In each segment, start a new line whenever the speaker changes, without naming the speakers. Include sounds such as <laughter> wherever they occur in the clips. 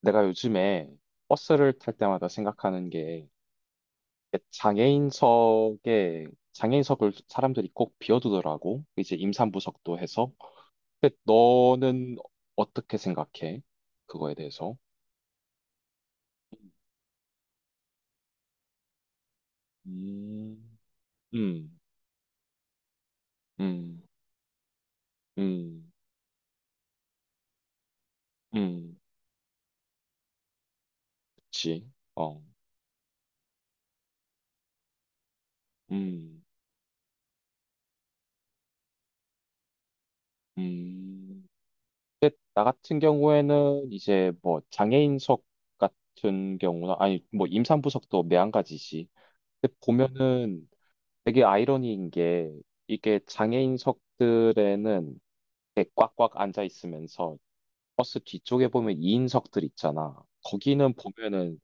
내가 요즘에 버스를 탈 때마다 생각하는 게 장애인석에 장애인석을 사람들이 꼭 비워두더라고. 이제 임산부석도 해서. 근데 너는 어떻게 생각해? 그거에 대해서? 음, 음, 음, 음, 음, 그치. 어, 음, 음. 나 같은 경우에는 이제 뭐 장애인석 같은 경우나, 아니, 뭐 임산부석도 매한가지지. 근데 보면은 되게 아이러니인 게 이게 장애인석들에는 이렇게 꽉꽉 앉아 있으면서 버스 뒤쪽에 보면 2인석들 있잖아. 거기는 보면은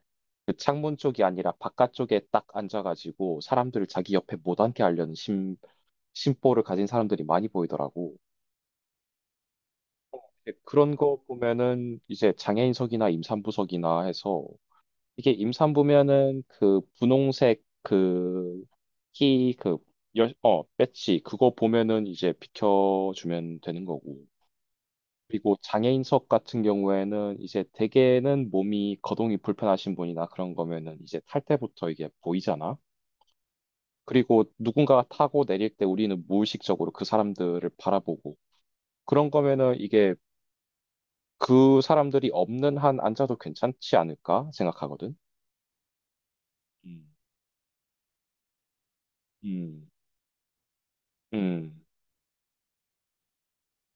그 창문 쪽이 아니라 바깥쪽에 딱 앉아가지고 사람들을 자기 옆에 못 앉게 하려는 심보를 가진 사람들이 많이 보이더라고. 근데 그런 거 보면은 이제 장애인석이나 임산부석이나 해서 이게 임산부면은 그 분홍색 그키그 배지 그거 보면은 이제 비켜주면 되는 거고. 그리고 장애인석 같은 경우에는 이제 대개는 몸이 거동이 불편하신 분이나 그런 거면은 이제 탈 때부터 이게 보이잖아. 그리고 누군가가 타고 내릴 때 우리는 무의식적으로 그 사람들을 바라보고 그런 거면은 이게 그 사람들이 없는 한 앉아도 괜찮지 않을까 생각하거든. 음. 음.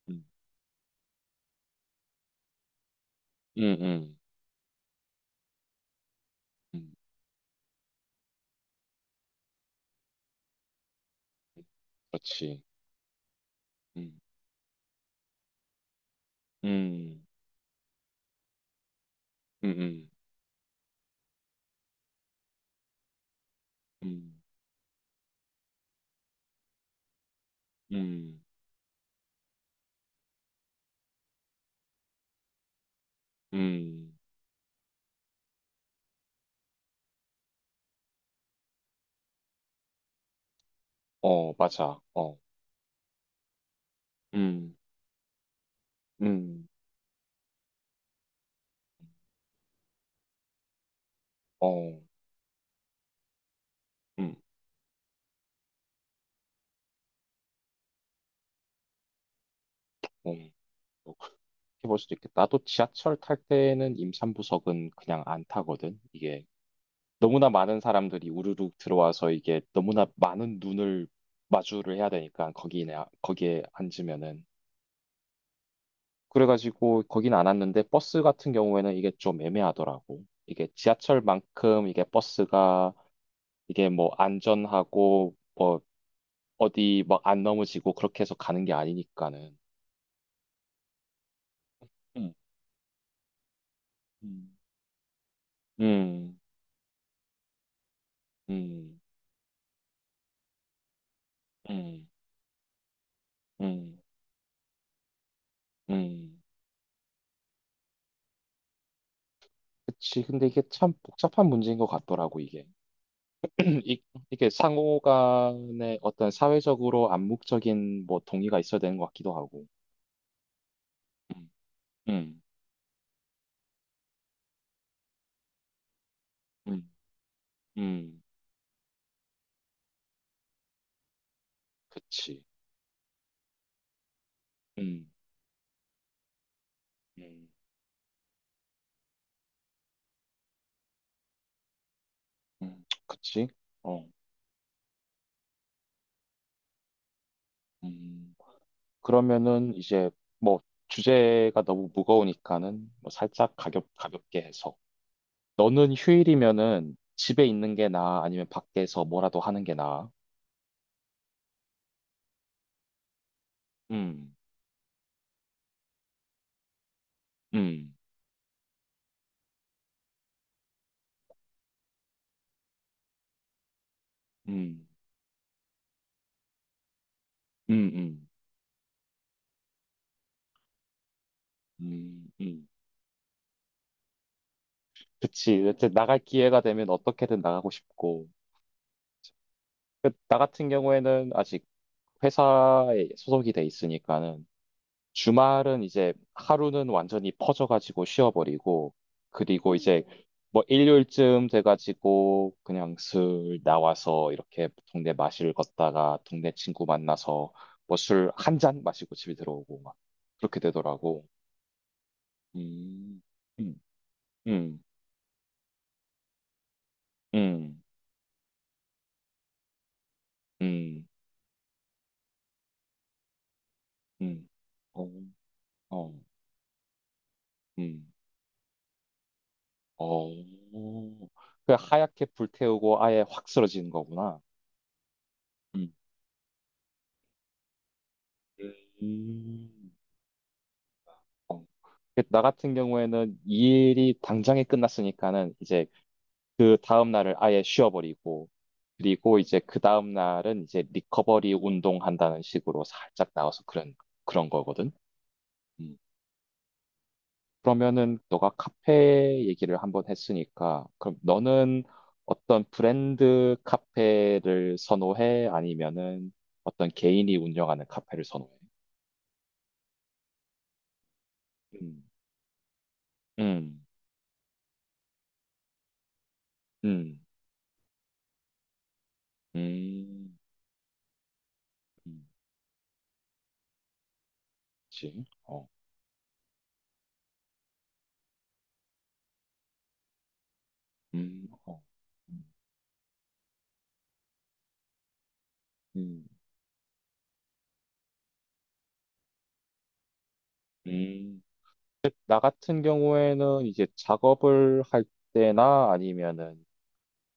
음. 음, 음, 음, 그렇지. 음, 음, 음, 음, 음, 음, 음. 어, 맞아. 어, 음, 음, 어, 음, 음. 뭐 그렇게 볼 수도 있겠다. 나도 지하철 탈 때는 임산부석은 그냥 안 타거든. 이게 너무나 많은 사람들이 우르르 들어와서 이게 너무나 많은 눈을 마주를 해야 되니까 거기에 앉으면은 그래가지고 거긴 안 왔는데 버스 같은 경우에는 이게 좀 애매하더라고. 이게 지하철만큼 이게 버스가 이게 뭐 안전하고 뭐 어디 막 안 넘어지고 그렇게 해서 가는 게 아니니까는. 음, 음. 음, 음, 음, 음, 음. 그치. 근데 이게 참 복잡한 문제인 것 같더라고, 이게. <clears throat> 이, 이게 상호 간의 어떤 사회적으로 암묵적인 뭐 동의가 있어야 되는 것 같기도 하고. 음, 음, 음, 음. 그치. 음, 음, 그치. 어, 음, 그러면은 이제 뭐 주제가 너무 무거우니까는 뭐 살짝 가볍게 해서. 너는 휴일이면은 집에 있는 게 나아? 아니면 밖에서 뭐라도 하는 게 나아? 음, 음, 음, 음, 음, 음, 음. 그치. 이제 나갈 기회가 되면 어떻게든 나가고 싶고. 그, 나 같은 경우에는 아직 회사에 소속이 돼 있으니까는 주말은 이제 하루는 완전히 퍼져가지고 쉬어버리고, 그리고 이제 뭐 일요일쯤 돼가지고 그냥 슬 나와서 이렇게 동네 마실 걷다가 동네 친구 만나서 뭐 술 한잔 마시고 집에 들어오고 막 그렇게 되더라고. 음, 음, 음, 음, 음, 음, 어, 어, 음, 어. 그 하얗게 불태우고 아예 확 쓰러지는 거구나. 음. 음. 그 나 같은 경우에는 이 일이 당장에 끝났으니까는 이제 그 다음 날을 아예 쉬어버리고 그리고 이제 그 다음 날은 이제 리커버리 운동한다는 식으로 살짝 나와서 그런 거거든. 음. 그러면은 너가 카페 얘기를 한번 했으니까 그럼 너는 어떤 브랜드 카페를 선호해? 아니면은 어떤 개인이 운영하는 카페를 선호해? 음. 음. 음. 음. 음. 그치? 어. 어, 음, 음. 나 같은 경우에는 이제 작업을 할 때나 아니면은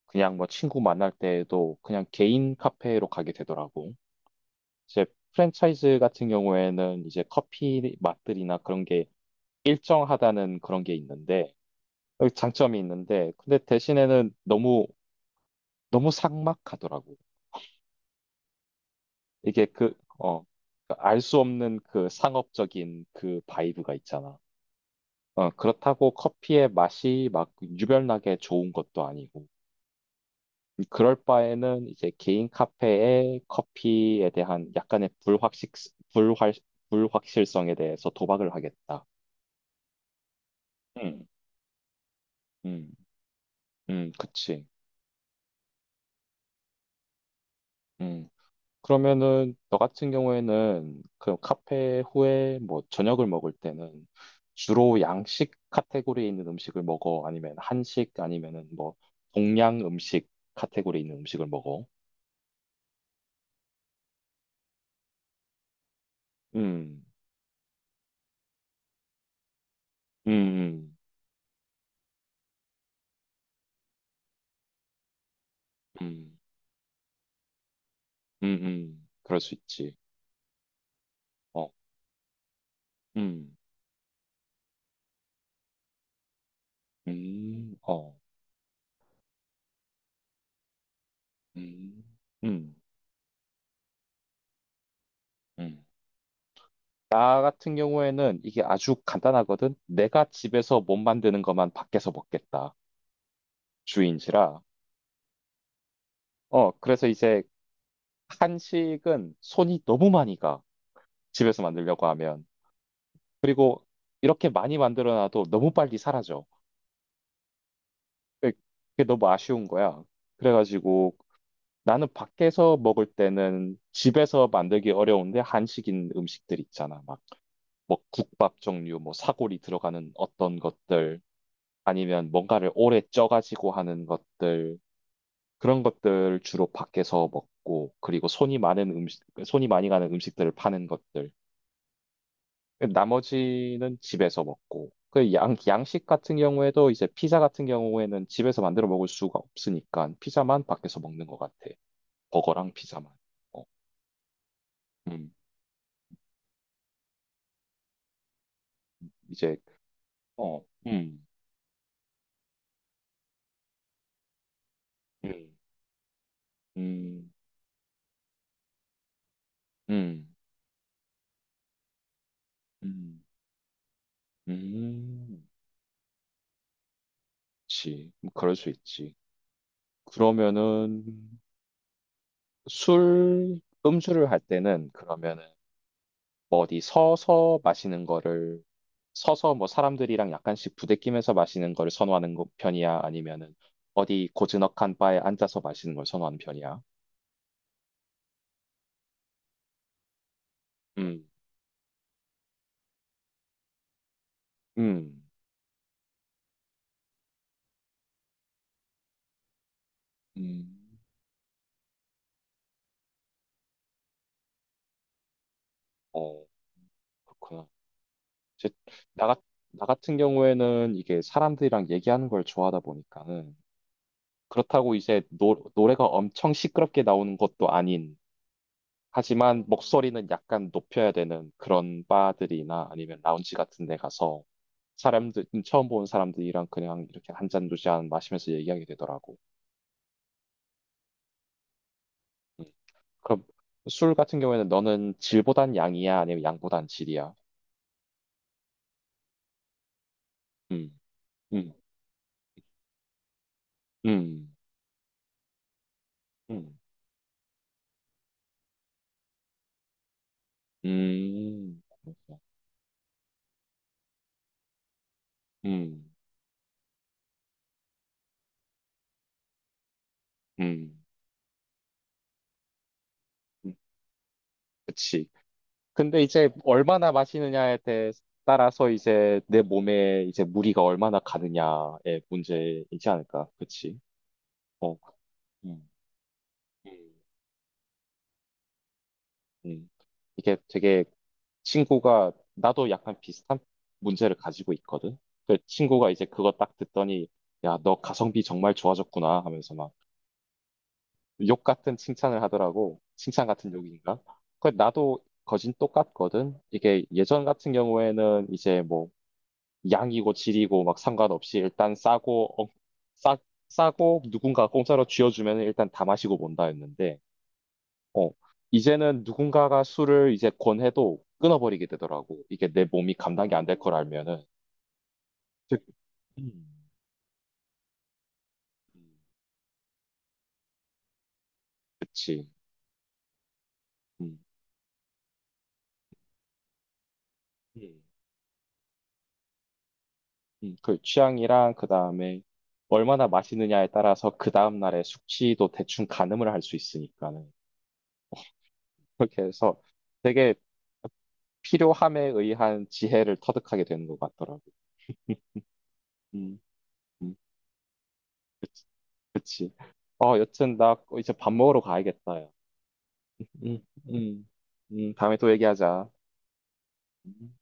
그냥 뭐 친구 만날 때에도 그냥 개인 카페로 가게 되더라고. 이제 프랜차이즈 같은 경우에는 이제 커피 맛들이나 그런 게 일정하다는 그런 게 있는데, 여기 장점이 있는데, 근데 대신에는 너무, 너무 삭막하더라고. 이게 그러니까 알수 없는 그 상업적인 그 바이브가 있잖아. 어, 그렇다고 커피의 맛이 막 유별나게 좋은 것도 아니고, 그럴 바에는 이제 개인 카페에 커피에 대한 약간의 불확, 불확실성에 대해서 도박을 하겠다. 음, 음, 그치. 음. 그러면은, 너 같은 경우에는 그 카페 후에 뭐 저녁을 먹을 때는 주로 양식 카테고리에 있는 음식을 먹어? 아니면 한식? 아니면은 뭐 동양 음식 카테고리에 있는 음식을 먹어? 음. 음, 음, 음, 그럴 수 있지. 어, 음, 어, 음, 음, 음. 나 같은 경우에는 이게 아주 간단하거든. 내가 집에서 못 만드는 것만 밖에서 먹겠다. 주인지라. 어, 그래서 이제 한식은 손이 너무 많이 가. 집에서 만들려고 하면. 그리고 이렇게 많이 만들어놔도 너무 빨리 사라져. 그게 너무 아쉬운 거야. 그래가지고 나는 밖에서 먹을 때는 집에서 만들기 어려운데 한식인 음식들 있잖아. 막, 뭐 국밥 종류, 뭐 사골이 들어가는 어떤 것들, 아니면 뭔가를 오래 쪄가지고 하는 것들, 그런 것들 주로 밖에서 먹고, 그리고 손이 많은 음식, 손이 많이 가는 음식들을 파는 것들. 나머지는 집에서 먹고. 그 양식 같은 경우에도 이제 피자 같은 경우에는 집에서 만들어 먹을 수가 없으니까 피자만 밖에서 먹는 것 같아. 버거랑 피자만. 어, 음. 이제 어, 음, 음, 음, 음, 음, 음, 그치. 뭐 그럴 수 있지. 그러면은 술, 음주를 할 때는 그러면은 뭐 어디 서서 마시는 거를 서서 뭐 사람들이랑 약간씩 부대끼면서 마시는 거를 선호하는 편이야? 아니면은 어디 고즈넉한 바에 앉아서 마시는 걸 선호하는 편이야? 음, 음, 음, 어, 그렇구나. 이제 나, 같- 나 같은 경우에는 이게 사람들이랑 얘기하는 걸 좋아하다 보니까는 그렇다고 이제 노래가 엄청 시끄럽게 나오는 것도 아닌 하지만 목소리는 약간 높여야 되는 그런 바들이나 아니면 라운지 같은 데 가서 사람들 처음 보는 사람들이랑 그냥 이렇게 한 잔 두 잔 마시면서 얘기하게 되더라고. 음. 그럼 술 같은 경우에는 너는 질보단 양이야 아니면 양보단 질이야? 음. 음. 음. 음. 음. 음. 음. 음. 음, 그치. 근데 이제 얼마나 마시느냐에 대 따라서 이제 내 몸에 이제 무리가 얼마나 가느냐의 문제이지 않을까. 그치. 어. 음. 음. 음. 이게 되게 친구가 나도 약간 비슷한 문제를 가지고 있거든. 그 친구가 이제 그거 딱 듣더니 야, 너 가성비 정말 좋아졌구나 하면서 막 욕 같은 칭찬을 하더라고. 칭찬 같은 욕인가? 그 나도 거진 똑같거든. 이게 예전 같은 경우에는 이제 뭐 양이고 질이고 막 상관없이 일단 싸, 싸고 누군가 공짜로 쥐어주면 일단 다 마시고 본다였는데 어 이제는 누군가가 술을 이제 권해도 끊어버리게 되더라고 이게 내 몸이 감당이 안 될 걸 알면은 즉, 음, 음, 그치 음, 음, 그 취향이랑 그 다음에 얼마나 마시느냐에 따라서 그 다음날의 숙취도 대충 가늠을 할 수 있으니까는 그렇게 해서 되게 필요함에 의한 지혜를 터득하게 되는 것 같더라고. 음, 음, 그치. 어, 여튼 나 이제 밥 먹으러 가야겠다. 야. 음, 음, 다음에 또 얘기하자. 음.